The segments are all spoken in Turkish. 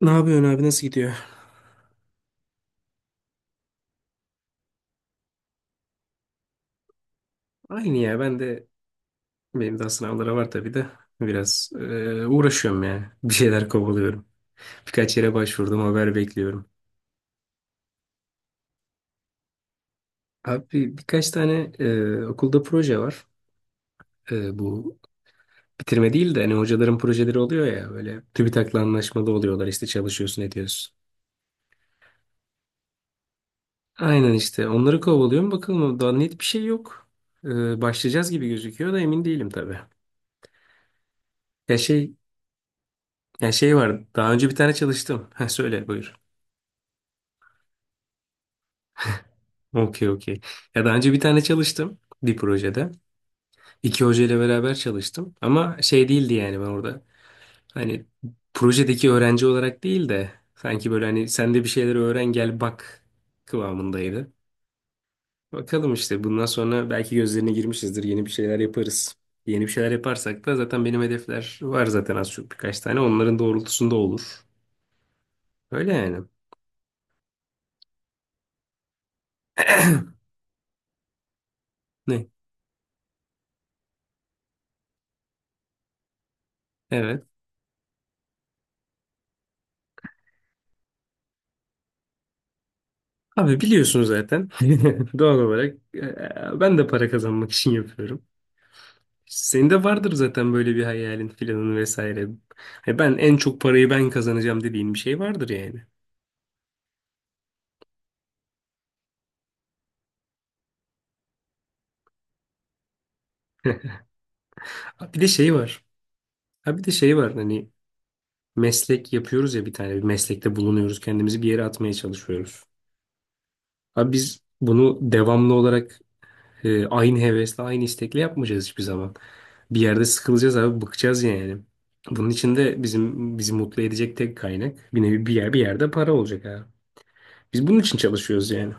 Ne yapıyorsun abi, nasıl gidiyor? Aynı ya, ben de benim daha sınavlara var tabii de biraz uğraşıyorum ya. Bir şeyler kovalıyorum. Birkaç yere başvurdum, haber bekliyorum. Abi birkaç tane okulda proje var. Bu bitirme değil de, hani hocaların projeleri oluyor ya, böyle TÜBİTAK'la anlaşmalı oluyorlar, işte çalışıyorsun ediyorsun. Aynen, işte onları kovalıyorum, bakalım, daha net bir şey yok. Başlayacağız gibi gözüküyor da emin değilim tabii. Ya şey ya şey var, daha önce bir tane çalıştım. Ha, söyle buyur. Okey, okey. Ya, daha önce bir tane çalıştım bir projede. İki hocayla beraber çalıştım. Ama şey değildi yani ben orada. Hani projedeki öğrenci olarak değil de sanki böyle hani sen de bir şeyler öğren gel bak kıvamındaydı. Bakalım, işte bundan sonra belki gözlerine girmişizdir. Yeni bir şeyler yaparız. Yeni bir şeyler yaparsak da zaten benim hedefler var zaten az çok birkaç tane. Onların doğrultusunda olur. Öyle yani. Ne? Evet. Abi biliyorsun zaten. Doğal olarak ben de para kazanmak için yapıyorum. Senin de vardır zaten böyle bir hayalin filanın vesaire. Hani ben en çok parayı ben kazanacağım dediğin bir şey vardır yani. Ha Bir de şey var. Ha, bir de şey var hani, meslek yapıyoruz ya, bir tane bir meslekte bulunuyoruz. Kendimizi bir yere atmaya çalışıyoruz. Ha, biz bunu devamlı olarak aynı hevesle aynı istekle yapmayacağız hiçbir zaman. Bir yerde sıkılacağız abi, bıkacağız yani. Bunun için de bizim bizi mutlu edecek tek kaynak, bir nevi bir yer, bir yerde para olacak abi. Biz bunun için çalışıyoruz yani.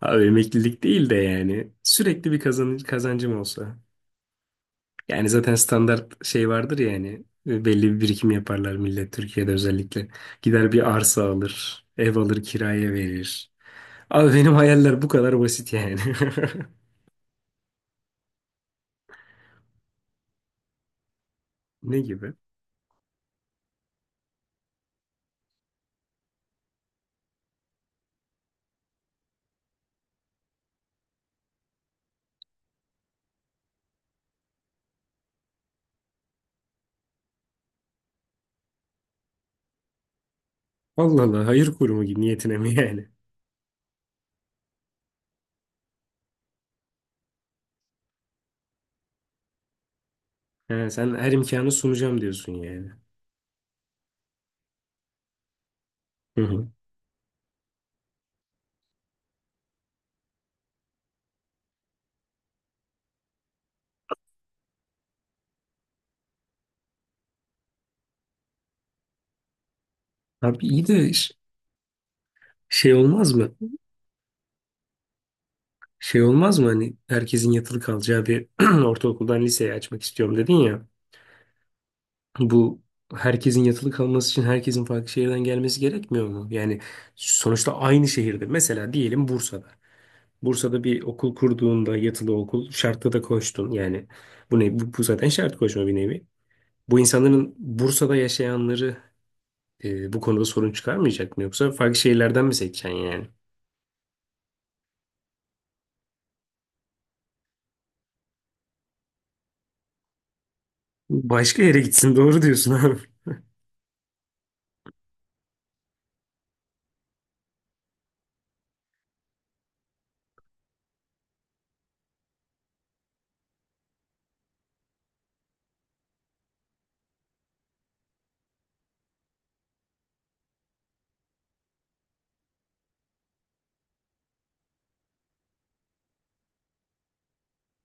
Abi emeklilik değil de yani sürekli bir kazan, kazancım olsa. Yani zaten standart şey vardır ya yani, belli bir birikim yaparlar millet, Türkiye'de özellikle. Gider bir arsa alır, ev alır, kiraya verir. Abi benim hayaller bu kadar basit yani. Ne gibi? Allah Allah, hayır kurumu gibi niyetine mi yani? Ha, sen her imkanı sunacağım diyorsun yani. Hı hı. Abi iyi de şey olmaz mı? Şey olmaz mı hani, herkesin yatılı kalacağı bir ortaokuldan liseyi açmak istiyorum dedin ya. Bu, herkesin yatılı kalması için herkesin farklı şehirden gelmesi gerekmiyor mu? Yani sonuçta aynı şehirde. Mesela diyelim Bursa'da. Bursa'da bir okul kurduğunda yatılı okul şartta da koştun. Yani bu ne? Bu zaten şart koşma bir nevi. Bu insanların, Bursa'da yaşayanları bu konuda sorun çıkarmayacak mı? Yoksa farklı şehirlerden mi seçeceksin yani? Başka yere gitsin. Doğru diyorsun abi.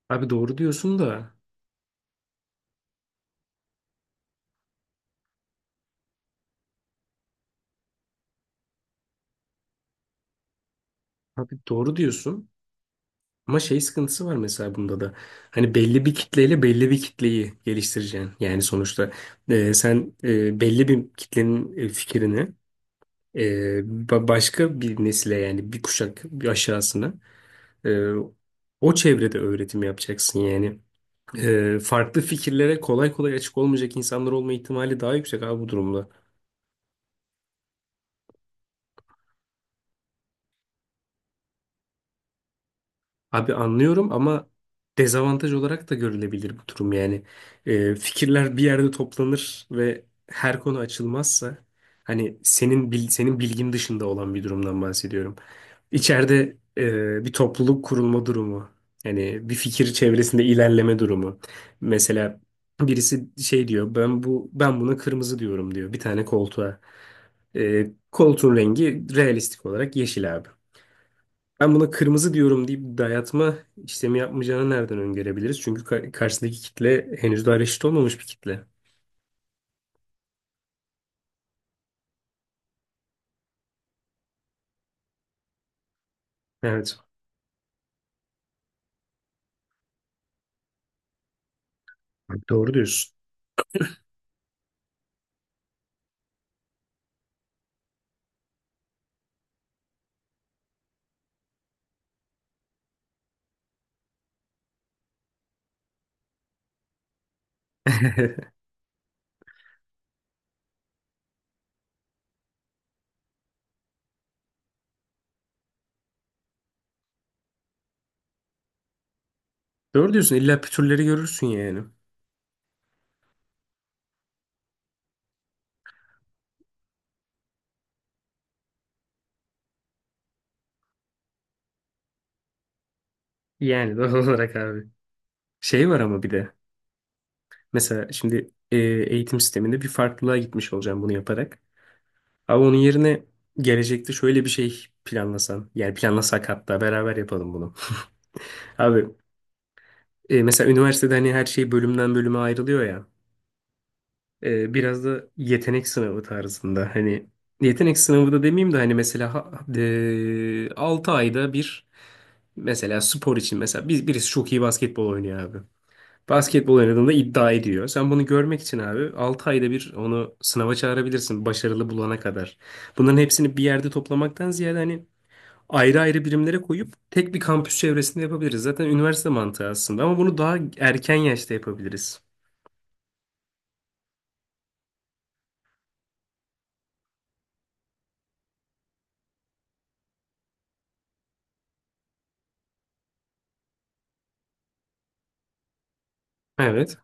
Abi doğru diyorsun da. Abi doğru diyorsun. Ama şey sıkıntısı var mesela bunda da. Hani belli bir kitleyle belli bir kitleyi geliştireceksin. Yani sonuçta belli bir kitlenin fikrini e, başka bir nesile, yani bir kuşak bir aşağısına e, o çevrede öğretim yapacaksın yani. Farklı fikirlere kolay kolay açık olmayacak insanlar olma ihtimali daha yüksek abi bu durumda. Abi anlıyorum ama dezavantaj olarak da görülebilir bu durum yani. Fikirler bir yerde toplanır ve her konu açılmazsa, hani senin senin bilgin dışında olan bir durumdan bahsediyorum. İçeride bir topluluk kurulma durumu, yani bir fikir çevresinde ilerleme durumu. Mesela birisi şey diyor, ben buna kırmızı diyorum diyor bir tane koltuğa. Koltuğun rengi realistik olarak yeşil abi. Ben buna kırmızı diyorum deyip dayatma işlemi yapmayacağını nereden öngörebiliriz? Çünkü karşısındaki kitle henüz daha reşit olmamış bir kitle. Evet. Doğru diyorsun. Doğru diyorsun. İlla pütürleri görürsün yani. Yani doğal olarak abi. Şey var ama bir de. Mesela şimdi eğitim sisteminde bir farklılığa gitmiş olacağım bunu yaparak. Ama onun yerine gelecekte şöyle bir şey planlasan. Yani planlasak, hatta beraber yapalım bunu. Abi mesela üniversitede hani her şey bölümden bölüme ayrılıyor ya. Biraz da yetenek sınavı tarzında. Hani yetenek sınavı da demeyeyim de hani mesela 6 ayda bir, mesela spor için, mesela biz birisi çok iyi basketbol oynuyor abi. Basketbol oynadığında iddia ediyor. Sen bunu görmek için abi 6 ayda bir onu sınava çağırabilirsin, başarılı bulana kadar. Bunların hepsini bir yerde toplamaktan ziyade, hani ayrı ayrı birimlere koyup tek bir kampüs çevresinde yapabiliriz. Zaten üniversite mantığı aslında, ama bunu daha erken yaşta yapabiliriz. Evet.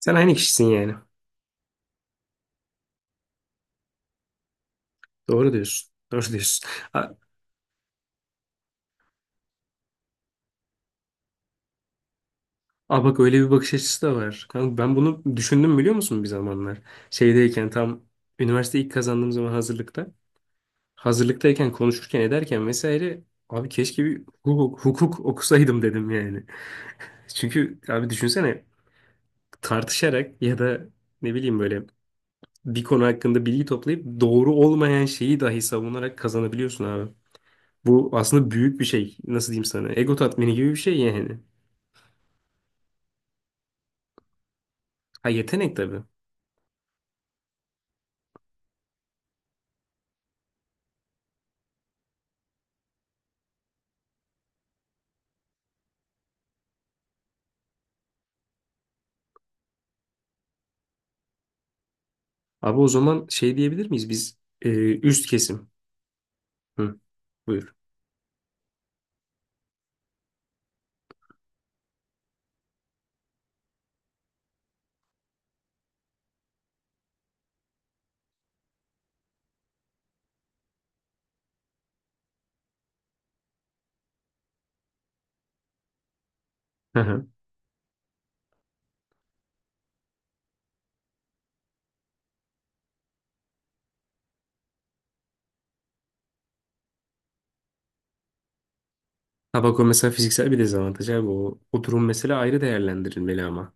Sen aynı kişisin yani. Doğru diyorsun. Doğru diyorsun. Aa, bak, öyle bir bakış açısı da var. Kanka, ben bunu düşündüm biliyor musun bir zamanlar? Şeydeyken, tam üniversite ilk kazandığım zaman, hazırlıkta. Hazırlıktayken konuşurken ederken vesaire abi, keşke bir hukuk, hukuk okusaydım dedim yani. Çünkü abi düşünsene, tartışarak ya da ne bileyim böyle bir konu hakkında bilgi toplayıp doğru olmayan şeyi dahi savunarak kazanabiliyorsun abi. Bu aslında büyük bir şey. Nasıl diyeyim sana? Ego tatmini gibi bir şey yani. Ha, yetenek tabii. Abi o zaman şey diyebilir miyiz biz, üst kesim. Hı, buyur. Hı hı. Ha bak, o mesela fiziksel bir dezavantaj abi, o, o durum mesela ayrı değerlendirilmeli ama.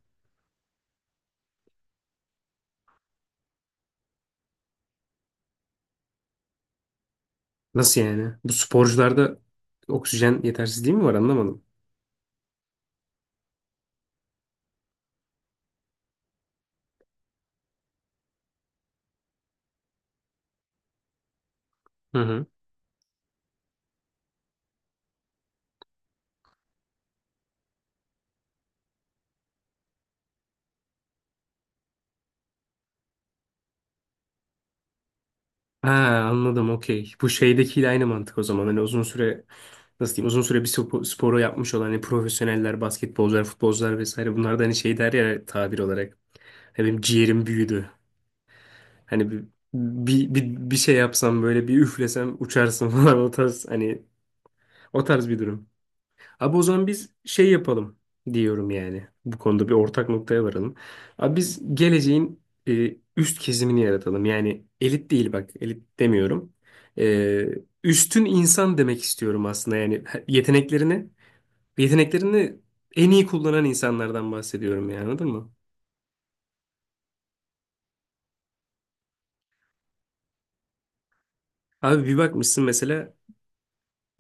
Nasıl yani? Bu sporcularda oksijen yetersizliği mi var, anlamadım. Hı hı. Ha, anladım, okey. Bu şeydekiyle aynı mantık o zaman. Hani uzun süre, nasıl diyeyim, uzun süre bir sporu yapmış olan hani profesyoneller, basketbolcular, futbolcular vesaire, bunlar da hani şey der ya tabir olarak. Ya, benim ciğerim büyüdü. Hani bir şey yapsam, böyle bir üflesem uçarsın falan, o tarz hani, o tarz bir durum. Abi o zaman biz şey yapalım diyorum yani. Bu konuda bir ortak noktaya varalım. Abi biz geleceğin üst kesimini yaratalım. Yani elit değil, bak elit demiyorum. E, üstün insan demek istiyorum aslında, yani yeteneklerini en iyi kullanan insanlardan bahsediyorum yani, anladın mı? Abi bir bakmışsın mesela,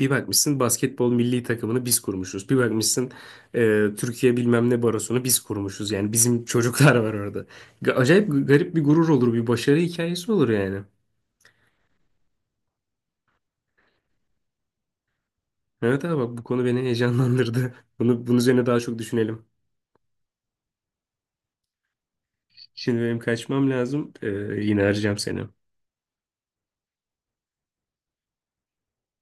bir bakmışsın basketbol milli takımını biz kurmuşuz. Bir bakmışsın Türkiye bilmem ne barosunu biz kurmuşuz. Yani bizim çocuklar var orada. Acayip garip bir gurur olur, bir başarı hikayesi olur yani. Evet abi, bak bu konu beni heyecanlandırdı. Bunu, bunun üzerine daha çok düşünelim. Şimdi benim kaçmam lazım. Yine arayacağım seni.